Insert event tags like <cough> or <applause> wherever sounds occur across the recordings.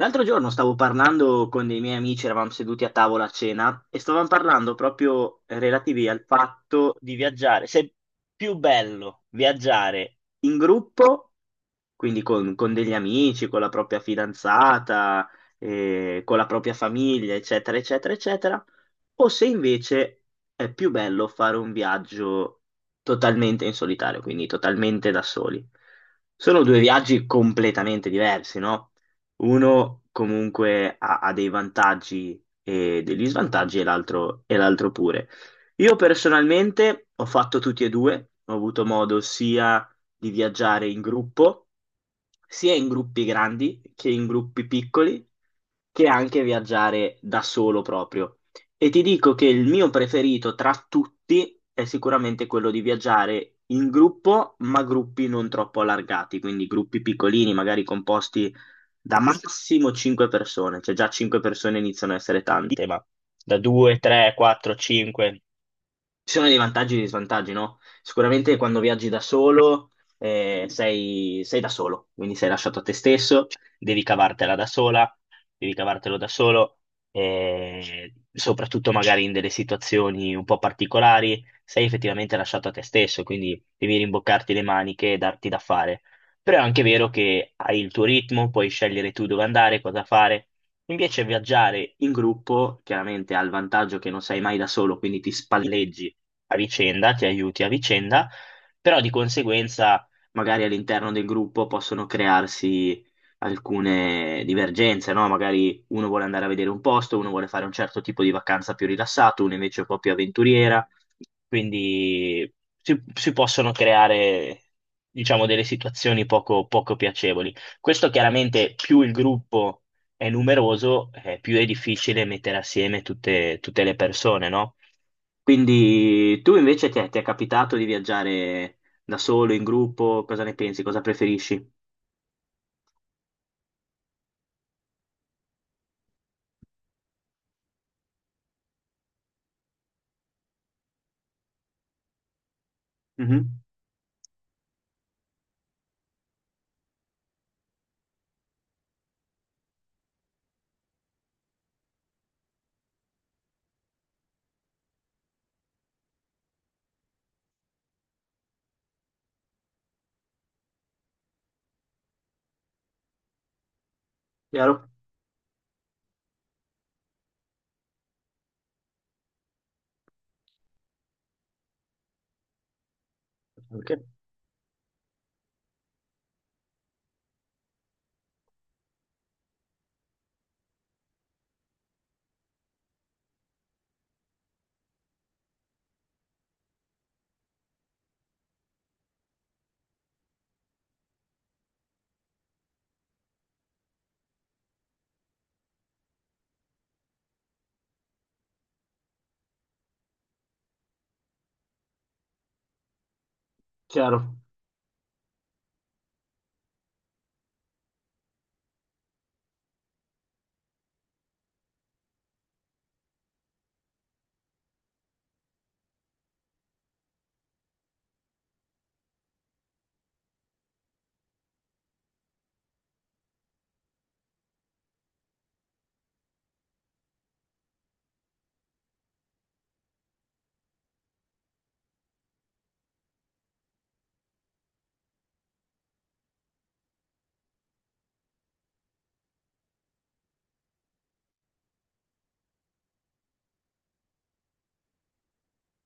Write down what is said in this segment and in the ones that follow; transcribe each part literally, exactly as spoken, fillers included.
L'altro giorno stavo parlando con dei miei amici, eravamo seduti a tavola a cena e stavamo parlando proprio relativi al fatto di viaggiare, se è più bello viaggiare in gruppo quindi con, con degli amici, con la propria fidanzata, eh, con la propria famiglia, eccetera, eccetera, eccetera, o se invece è più bello fare un viaggio totalmente in solitario, quindi totalmente da soli. Sono due viaggi completamente diversi, no? Uno comunque ha, ha dei vantaggi e degli svantaggi e l'altro e l'altro pure. Io personalmente ho fatto tutti e due, ho avuto modo sia di viaggiare in gruppo, sia in gruppi grandi che in gruppi piccoli, che anche viaggiare da solo proprio. E ti dico che il mio preferito tra tutti è sicuramente quello di viaggiare in gruppo, ma gruppi non troppo allargati, quindi gruppi piccolini, magari composti da massimo cinque persone, cioè già cinque persone iniziano a essere tante, ma da due, tre, quattro, cinque, ci sono dei vantaggi e dei svantaggi, no? Sicuramente quando viaggi da solo, eh, sei, sei da solo, quindi sei lasciato a te stesso, devi cavartela da sola, devi cavartelo da solo, eh, soprattutto magari in delle situazioni un po' particolari, sei effettivamente lasciato a te stesso, quindi devi rimboccarti le maniche e darti da fare. Però è anche vero che hai il tuo ritmo, puoi scegliere tu dove andare, cosa fare. Invece viaggiare in gruppo chiaramente ha il vantaggio che non sei mai da solo, quindi ti spalleggi a vicenda, ti aiuti a vicenda, però di conseguenza magari all'interno del gruppo possono crearsi alcune divergenze, no? Magari uno vuole andare a vedere un posto, uno vuole fare un certo tipo di vacanza più rilassato, uno invece è un po' più avventuriera, quindi si, si possono creare, diciamo, delle situazioni poco, poco piacevoli. Questo chiaramente più il gruppo è numeroso, eh, più è difficile mettere assieme tutte, tutte le persone, no? Quindi tu invece ti è, ti è capitato di viaggiare da solo, in gruppo? Cosa ne pensi? Cosa preferisci? Mhm. Chiaro? Ok. Chiaro.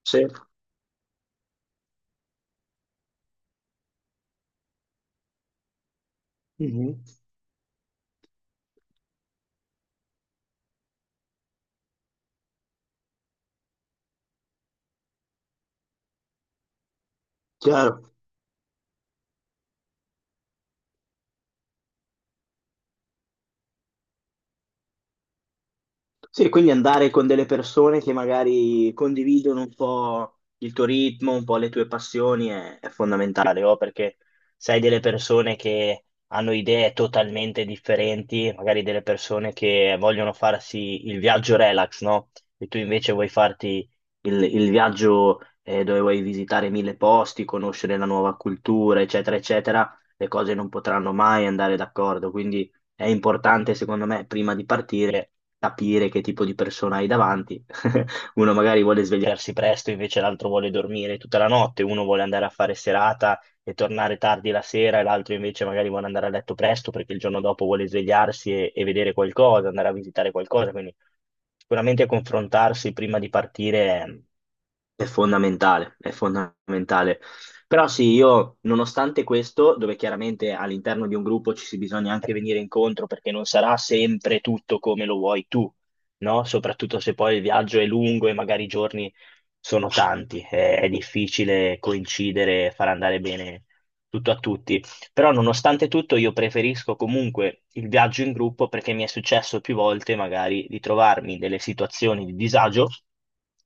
Sì. Mhm. Chiaro. Sì, quindi andare con delle persone che magari condividono un po' il tuo ritmo, un po' le tue passioni è, è fondamentale, o perché sai delle persone che hanno idee totalmente differenti, magari delle persone che vogliono farsi il viaggio relax, no? E tu invece vuoi farti il, il viaggio eh, dove vuoi visitare mille posti, conoscere la nuova cultura, eccetera, eccetera, le cose non potranno mai andare d'accordo, quindi è importante, secondo me, prima di partire capire che tipo di persona hai davanti. <laughs> Uno magari vuole svegliarsi presto, invece l'altro vuole dormire tutta la notte, uno vuole andare a fare serata e tornare tardi la sera, e l'altro invece magari vuole andare a letto presto perché il giorno dopo vuole svegliarsi e, e vedere qualcosa, andare a visitare qualcosa. Quindi sicuramente confrontarsi prima di partire è, è fondamentale, è fondamentale. Però sì, io nonostante questo, dove chiaramente all'interno di un gruppo ci si bisogna anche venire incontro perché non sarà sempre tutto come lo vuoi tu, no? Soprattutto se poi il viaggio è lungo e magari i giorni sono tanti, è, è difficile coincidere e far andare bene tutto a tutti. Però nonostante tutto io preferisco comunque il viaggio in gruppo perché mi è successo più volte magari di trovarmi in delle situazioni di disagio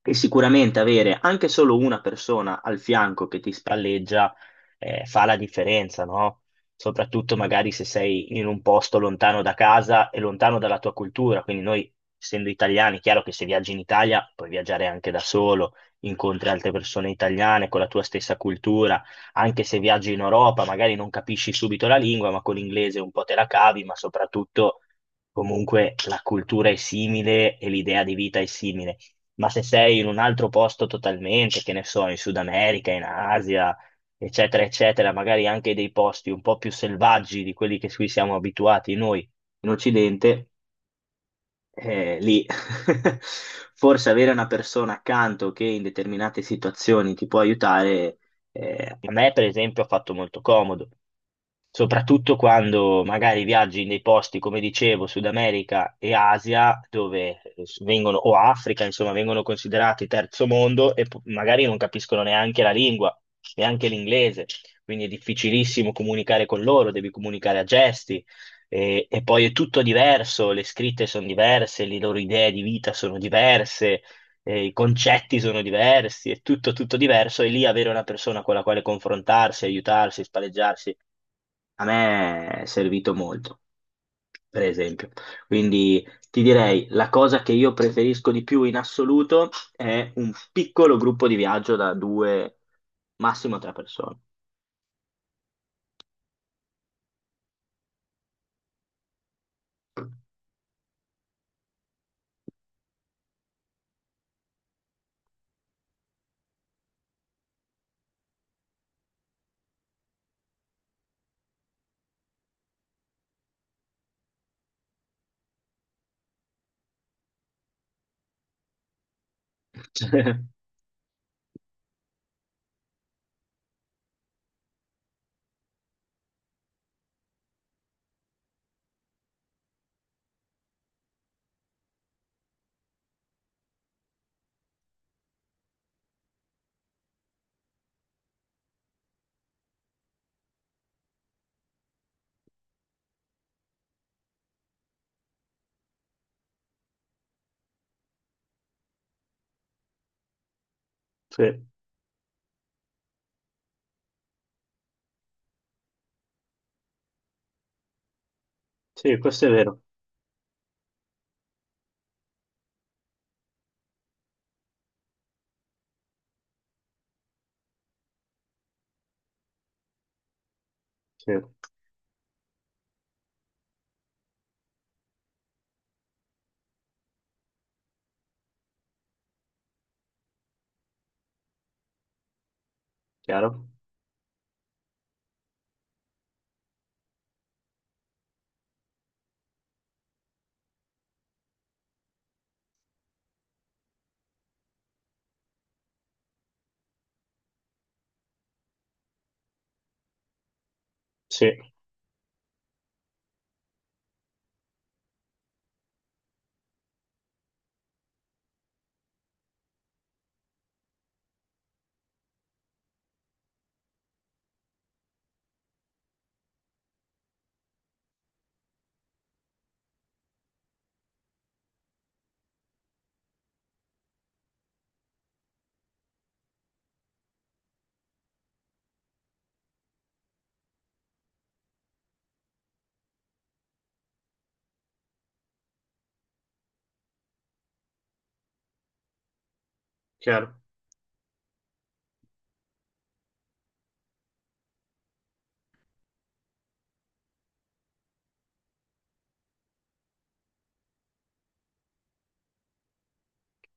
e sicuramente avere anche solo una persona al fianco che ti spalleggia eh, fa la differenza, no? Soprattutto magari se sei in un posto lontano da casa e lontano dalla tua cultura, quindi noi essendo italiani, è chiaro che se viaggi in Italia puoi viaggiare anche da solo, incontri altre persone italiane con la tua stessa cultura anche se viaggi in Europa, magari non capisci subito la lingua, ma con l'inglese un po' te la cavi, ma soprattutto comunque la cultura è simile e l'idea di vita è simile. Ma se sei in un altro posto totalmente, che ne so, in Sud America, in Asia, eccetera, eccetera, magari anche dei posti un po' più selvaggi di quelli che qui siamo abituati noi in Occidente, eh, lì <laughs> forse avere una persona accanto che in determinate situazioni ti può aiutare, eh, a me per esempio ha fatto molto comodo soprattutto quando magari viaggi in dei posti, come dicevo, Sud America e Asia, dove vengono, o Africa, insomma, vengono considerati terzo mondo e po- magari non capiscono neanche la lingua, neanche l'inglese, quindi è difficilissimo comunicare con loro, devi comunicare a gesti. E, e poi è tutto diverso, le scritte sono diverse, le loro idee di vita sono diverse, eh, i concetti sono diversi, è tutto, tutto diverso e lì avere una persona con la quale confrontarsi, aiutarsi, spalleggiarsi a me è servito molto, per esempio. Quindi ti direi, la cosa che io preferisco di più in assoluto è un piccolo gruppo di viaggio da due, massimo tre persone. <laughs> Sì, sì, questo è vero. Sì, chiaro? Sì, chiaro.